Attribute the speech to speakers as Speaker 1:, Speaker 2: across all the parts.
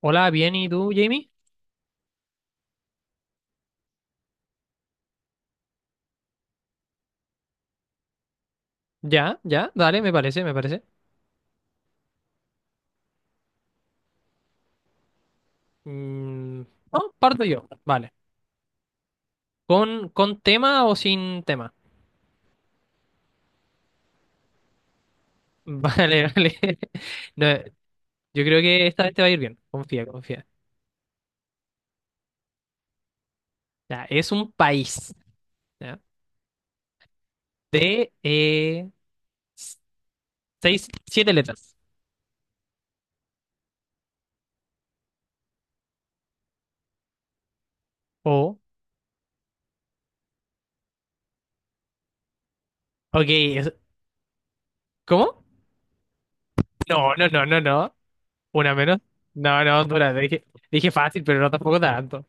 Speaker 1: Hola, bien, ¿y tú, Jamie? Ya, ya, dale, me parece, me parece. Mm, no, parto yo, vale. ¿Con tema o sin tema? Vale, vale. No, yo creo que esta vez te va a ir bien, confía, confía. Ya, es un país, ya, de seis, siete letras. O, ok, ¿cómo? No, no, no, no, no. Una menos. No, dura, dije fácil, pero no tampoco tanto.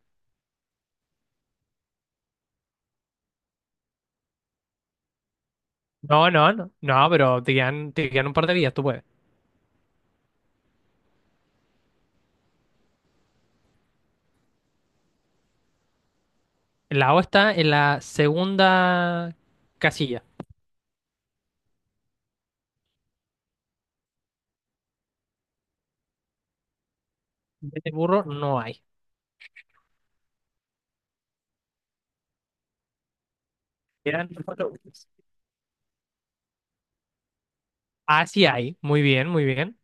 Speaker 1: No, no, no, no, pero te quedan un par de días, tú puedes. La O está en la segunda casilla. De burro no hay. Eran cuatro burros. A sí hay. Muy bien, muy bien.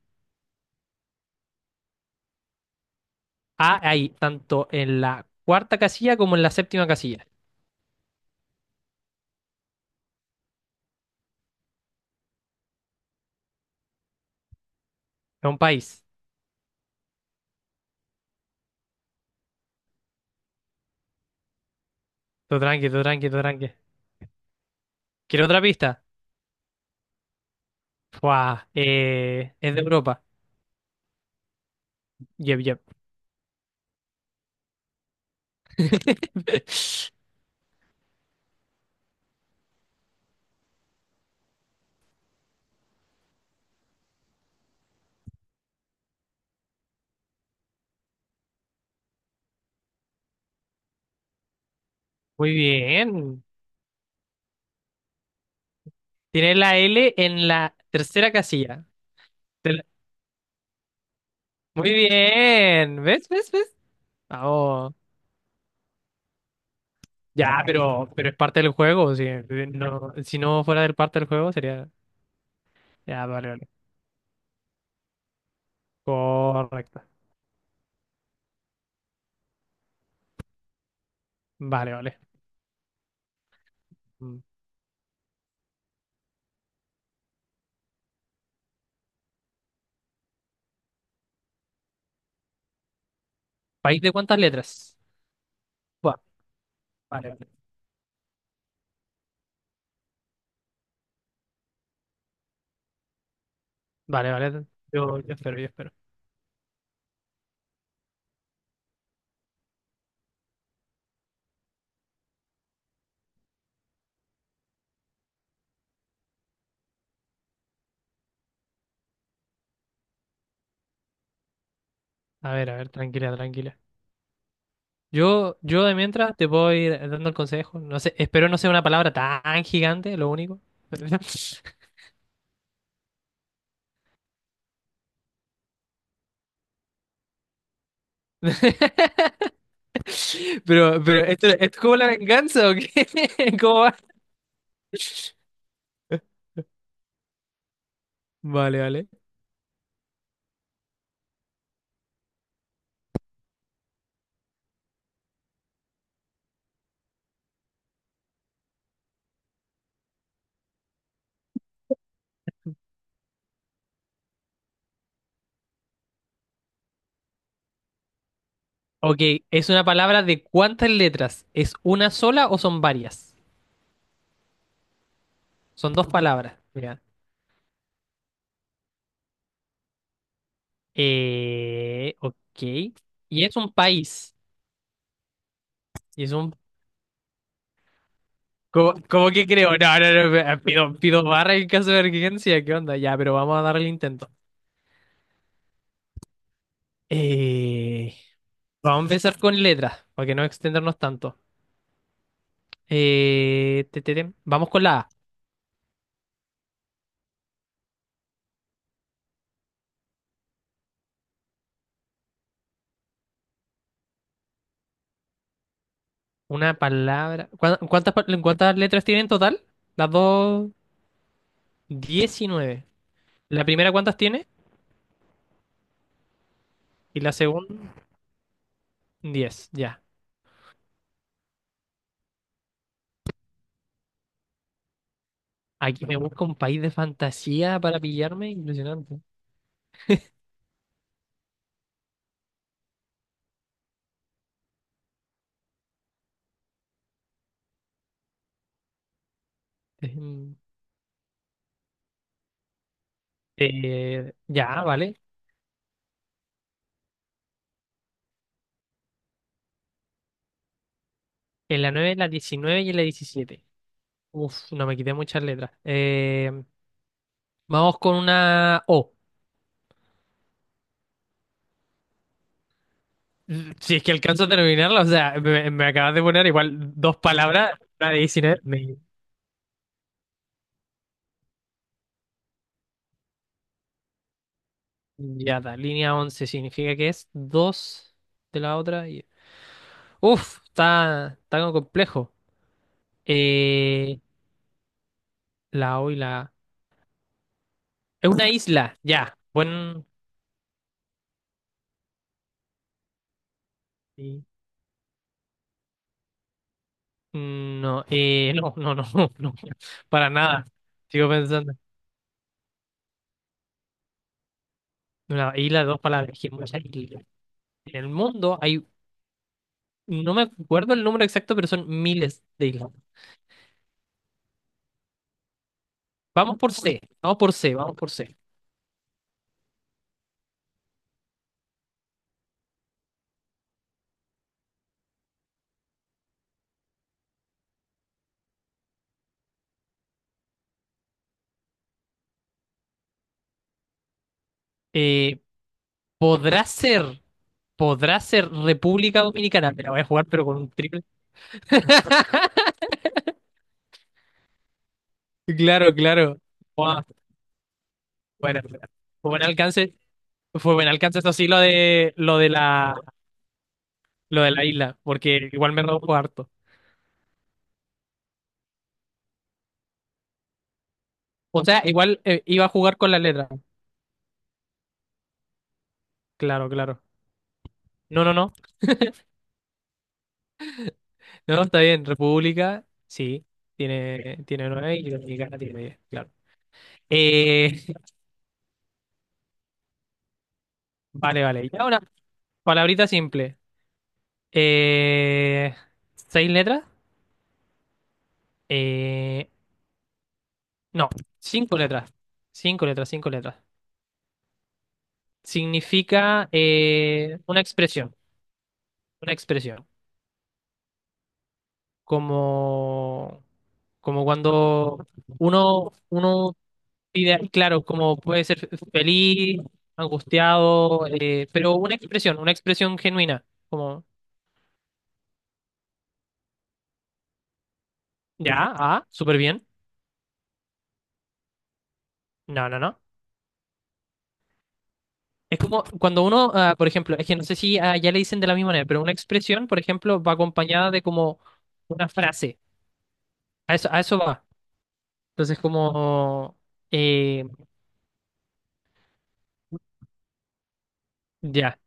Speaker 1: A hay tanto en la cuarta casilla como en la séptima casilla. Es un país. Todo tranqui, todo tranqui, todo tranqui. ¿Quiere otra pista? Fua, es de Europa. Yep, yep. Muy bien. Tiene la L en la tercera casilla. Te la- Muy bien. ¿Ves? ¿Ves? ¿Ves? Vamos. Ya, pero es parte del juego. Si no, si no fuera del parte del juego, sería. Ya, vale, vale. Correcto. Vale, vale. Mm. ¿País de cuántas letras? Buah, vale, vale. Vale, vale. Yo espero, yo espero. A ver, tranquila, tranquila. Yo de mientras te puedo ir dando el consejo. No sé, espero no sea una palabra tan gigante, lo único. ¿Esto es como la venganza o qué? ¿Cómo va? Vale, vale. Ok, ¿es una palabra de cuántas letras? ¿Es una sola o son varias? Son dos palabras. Mira. Ok. Y es un país. Y es un... ¿Cómo que creo? No, no, no. Pido, pido barra en caso de emergencia. ¿Qué onda? Ya, pero vamos a darle el intento. Eh, vamos a empezar con letras, para que no extendernos tanto. Te, te, te. Vamos con la A. Una palabra. ¿Cuántas letras tiene en total? Las dos... Diecinueve. ¿La primera cuántas tiene? Y la segunda, 10 ya. Aquí me busca un país de fantasía para pillarme, impresionante. Em, ya, vale. En la nueve en la 19 y en la diecisiete. Uf, no me quité muchas letras. Vamos con una O. Si es que alcanzo a terminarla, o sea, me acabas de poner igual dos palabras. La de 19, me- ya está. Línea 11 significa que es dos de la otra. Y... Uf, está algo complejo. Eh, la O y la A. Es una isla, ya. Buen. Sí. Mm, no, no, no, no, no, no, para nada. Sigo pensando. Una isla de dos palabras. Que mucha isla. En el mundo hay, no me acuerdo el número exacto, pero son miles de islas. Vamos por C, vamos por C, vamos por C. Eh, podrá ser, podrá ser República Dominicana. Me la voy a jugar, pero con un triple. Claro, claro. Buah, Bueno, bueno. Fue buen alcance, fue buen alcance. Esto sí, lo de la. Lo de la isla, porque igual me robo harto. O sea, igual iba a jugar con la letra. Claro, claro. No, no, no. No, está bien. República, sí. Tiene nueve y Dominicana tiene diez, claro. Eh, vale, vale. Y ahora, palabrita simple. Eh, ¿Seis letras? Eh, no, cinco letras. Cinco letras, cinco letras. Significa una expresión. Una expresión. Como, como cuando uno ideal, claro, como puede ser feliz, angustiado, pero una expresión genuina, como, ya, ah, súper bien, no, no, no. Es como cuando uno, ah, por ejemplo, es que no sé si ah, ya le dicen de la misma manera, pero una expresión, por ejemplo, va acompañada de como una frase, a eso va. Entonces, como, eh, ya,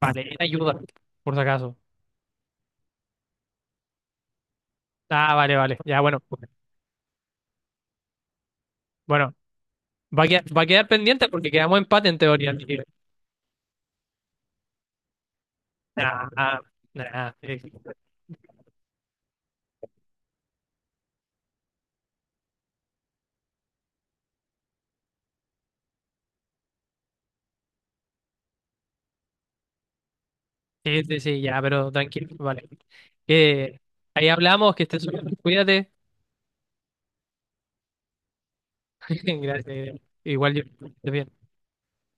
Speaker 1: vale, ayuda, por si acaso. Ah, vale, vale, ya, bueno, va a quedar pendiente porque quedamos empate en teoría. Así ah, ah. Nah, nah, sí, sí, sí, ya, pero tranquilo, vale. Que ahí hablamos, que estés súper, bien, cuídate. Gracias. Igual yo. Estés bien.